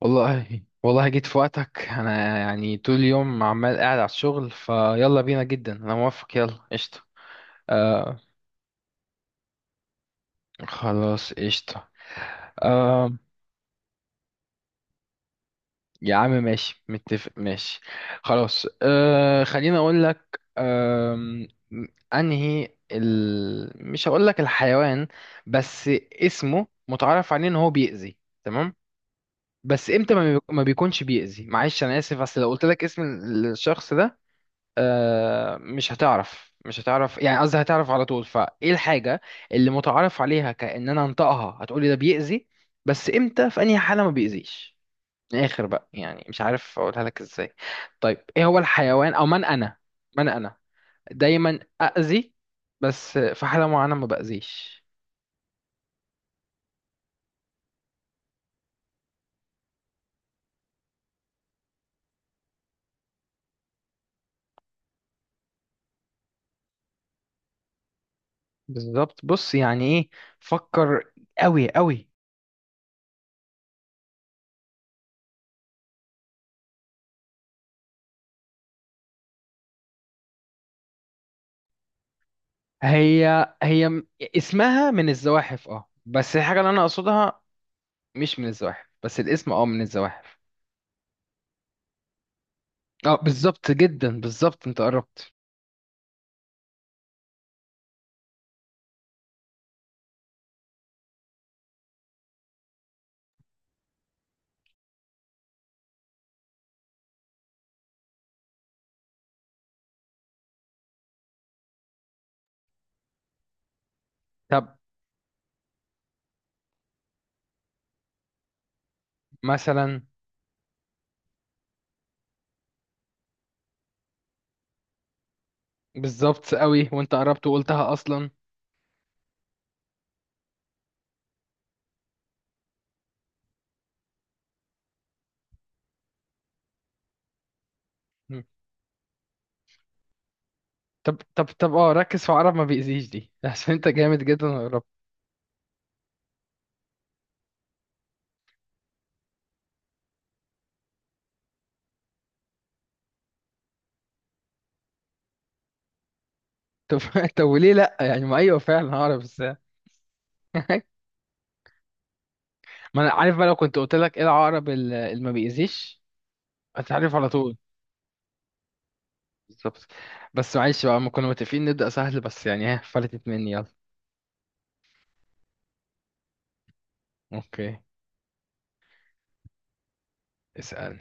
والله والله جيت في وقتك، انا يعني طول اليوم عمال قاعد على الشغل، فيلا بينا جدا، انا موافق، يلا قشطة. آه. خلاص قشطة. آه. يا عم ماشي، متفق ماشي. خلاص آه، خليني اقول لك. آه، انهي مش هقول لك الحيوان، بس اسمه متعرف عليه ان هو بيأذي، تمام؟ بس امتى ما بيكونش بيأذي. معلش انا اسف، اصل لو قلت لك اسم الشخص ده، آه، مش هتعرف مش هتعرف، يعني قصدي هتعرف على طول، فايه الحاجة اللي متعارف عليها كأن انا انطقها هتقولي ده بيأذي، بس امتى في انهي حالة ما بيأذيش؟ من الاخر بقى، يعني مش عارف اقولها لك ازاي. طيب ايه هو الحيوان؟ او من انا؟ من انا دايما اذي، بس في حالة معينة ما بأذيش. بالظبط. بص يعني ايه، فكر قوي قوي. هي اسمها من الزواحف، اه، بس الحاجة اللي انا اقصدها مش من الزواحف، بس الاسم اه من الزواحف. اه بالظبط جدا، بالظبط، انت قربت. طب مثلا. بالظبط قوي، وانت قربت وقلتها اصلا. مم. طب طب، اه ركز في عقرب ما بيأذيش دي عشان انت جامد جدا وقربت. طب طب وليه لا؟ يعني ما، ايوه فعلا، هعرف ازاي؟ ما انا عارف بقى، لو كنت قلت لك ايه العقرب اللي ما بيأذيش، هتعرف على طول. بالظبط. بس معلش بقى، ما كنا متفقين نبدأ سهل، بس يعني ها، فلتت مني، يلا. اوكي، اسأل.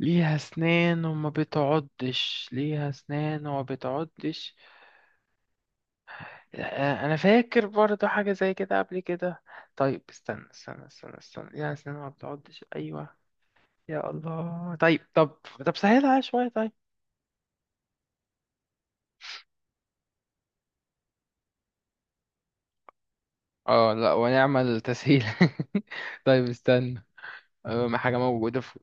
ليها اسنان وما بتعضش؟ ليها اسنان وما بتعضش؟ آه، آه، انا فاكر برضو حاجه زي كده قبل كده. طيب استنى استنى، ليها اسنان وما بتعضش، ايوه. يا الله، طيب طب، طب سهلها عليا شويه. طيب اه، لا ونعمل تسهيل. طيب استنى. آه، ما حاجه موجوده في...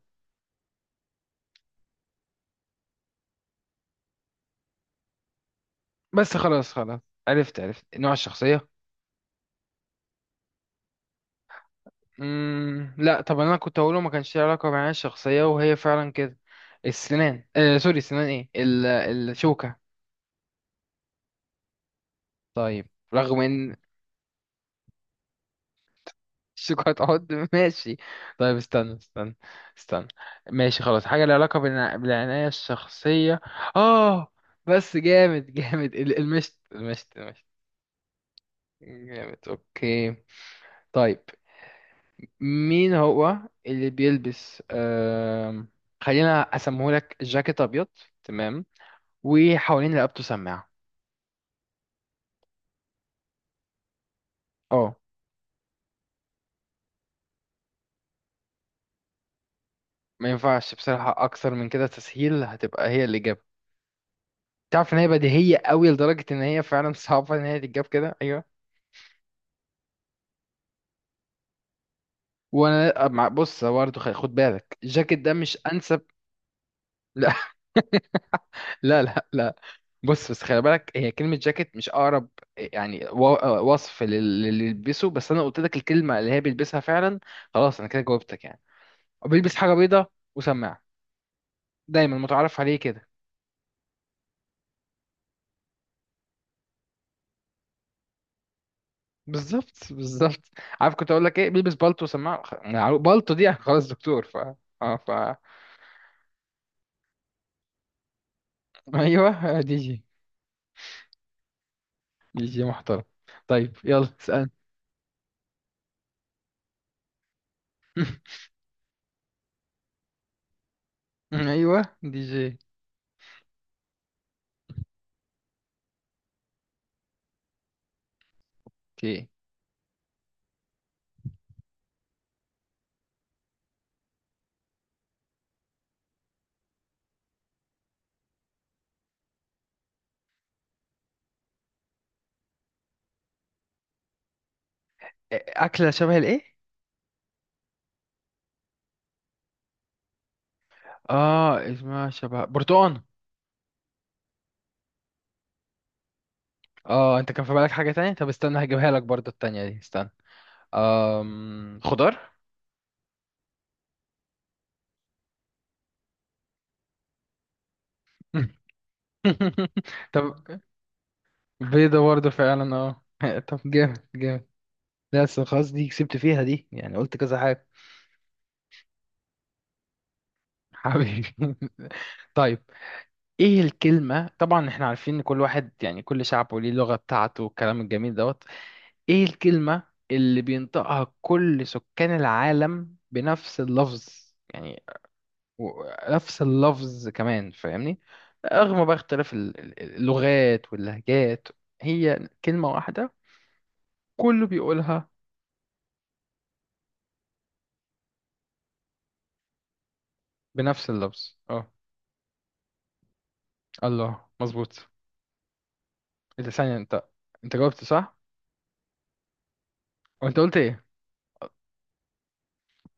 بس خلاص خلاص، عرفت عرفت نوع الشخصيه. مم... لا طب انا كنت هقوله ما كانش ليه علاقه معايا الشخصيه، وهي فعلا كده. السنان، آه سوري، السنان ايه الشوكه. طيب، رغم ان الشوكه هتقعد. ماشي. طيب استنى استنى. ماشي، خلاص، حاجه لها علاقه بالعنايه الشخصيه. اه، بس جامد جامد، المشت المشت. جامد، اوكي. طيب مين هو اللي بيلبس خلينا اسمهولك جاكيت ابيض، تمام، وحوالين رقبته سماعة. اه، ما ينفعش بصراحة أكثر من كده، تسهيل هتبقى هي الإجابة. تعرف إن هي بديهية قوي لدرجة إن هي فعلا صعبة إن هي تتجاب كده، أيوه. وأنا مع، بص برضه، خد بالك، الجاكيت ده مش أنسب. لا لا لا. بص بس خلي بالك، هي كلمة جاكيت مش أقرب، يعني وصف للي يلبسه، بس أنا قلت لك الكلمة اللي هي بيلبسها فعلا. خلاص أنا كده جاوبتك يعني. بيلبس حاجة بيضة وسماعة، دايما متعارف عليه كده. بالظبط بالظبط. عارف كنت اقول لك ايه؟ بيلبس بالطو وسماعه، يعني بالطو دي خلاص دكتور، ف. اه ف ايوه، دي جي. دي جي محترم. طيب يلا اسال. ايوه دي جي. اوكي. اكله شبه الايه؟ اه، اسمها شبه برتقان. اه، انت كان في بالك حاجه تانية، طب استنى هجيبها لك برضو، التانية دي استنى. آم... خضار. طب بيضه برضو فعلا، اه طب جامد جامد. لا بس خلاص، دي كسبت فيها دي، يعني قلت كذا حاجه. حبيبي. طيب، ايه الكلمة؟ طبعا احنا عارفين ان كل واحد يعني كل شعب وليه اللغة بتاعته والكلام الجميل دوت. ايه الكلمة اللي بينطقها كل سكان العالم بنفس اللفظ، يعني، و- نفس اللفظ كمان، فاهمني؟ رغم بقى اختلاف اللغات واللهجات، هي كلمة واحدة كله بيقولها بنفس اللفظ، اه. الله، مظبوط. ايه ده، ثانية، انت انت جاوبت صح. وانت قلت ايه؟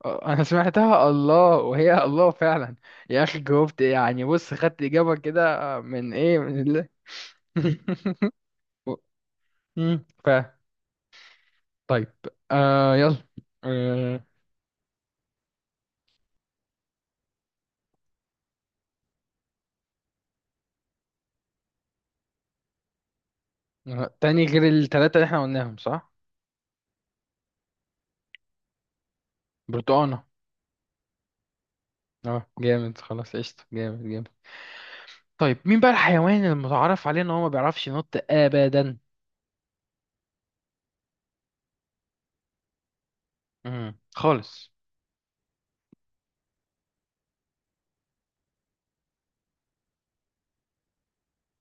آه، انا سمعتها، الله، وهي الله فعلا. يا اخي جاوبت يعني، بص خدت اجابه كده من ايه؟ من الله. و- ف طيب، آه يلا. آه، آه، تاني غير التلاتة اللي احنا قلناهم، صح؟ برتقانة. اه جامد، خلاص قشطة، جامد جامد. طيب مين بقى الحيوان المتعارف عليه ان هو ما بيعرفش ينط ابدا؟ مم. خالص.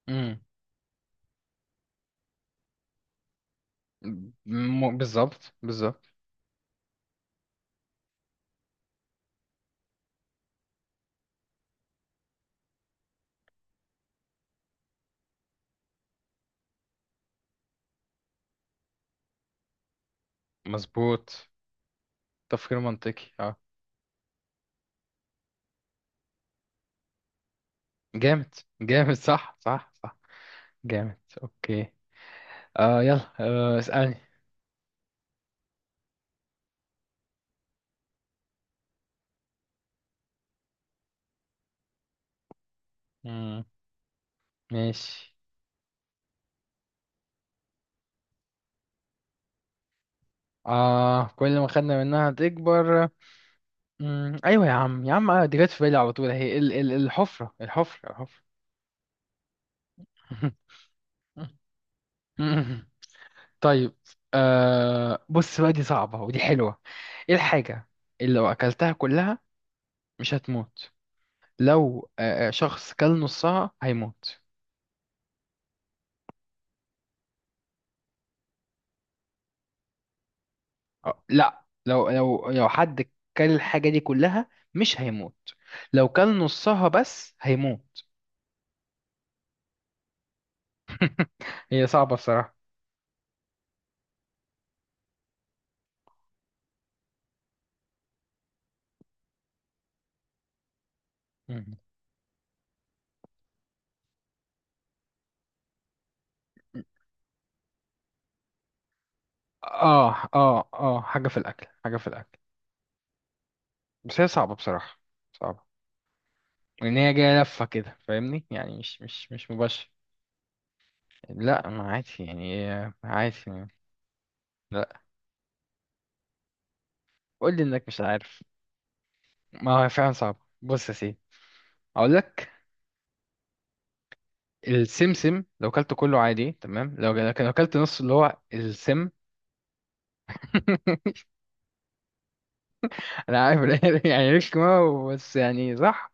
مم. بالظبط بالظبط. مظبوط، تفكير منطقي، اه. جامد، جامد، صح صح صح. جامد، اوكي. آه يلا آه اسألني. مم. ماشي. آه، كل ما خدنا منها تكبر. مم. ايوه يا عم يا عم، آه، دي جت في بالي على طول اهي، ال الحفرة الحفرة. طيب، آه بص بقى، دي صعبة ودي حلوة. ايه الحاجة اللي لو اكلتها كلها مش هتموت، لو آه، آه، شخص كل نصها هيموت. آه، لا، لو حد كل الحاجة دي كلها مش هيموت، لو كل نصها بس هيموت. هي صعبة بصراحة. مم. اه اه اه، حاجة في الأكل، حاجة في الأكل. بس هي صعبة بصراحة، صعبة، لأن هي جاية لفة كده، فاهمني؟ يعني مش مباشر. لا ما عادي يعني، إيه، عادي يعني. لا، قول لي إنك مش عارف. ما هو فعلا صعبة. بص يا سيدي، أقول لك. السمسم، لو كلته كله عادي تمام، لو، لكن لو كلت نص اللي هو السم. انا عارف إن يعني ليش كمان، بس يعني صح.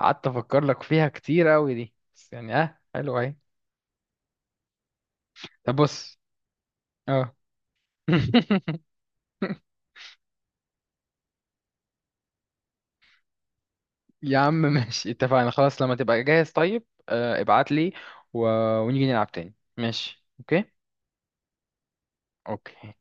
قعدت افكر لك فيها كتير قوي دي، بس يعني اه حلوه اهي. طب بص، اه. يا عم ماشي، اتفقنا خلاص، لما تبقى جاهز طيب آه، ابعت لي و... ونيجي نلعب تاني، ماشي؟ اوكي. اوكي.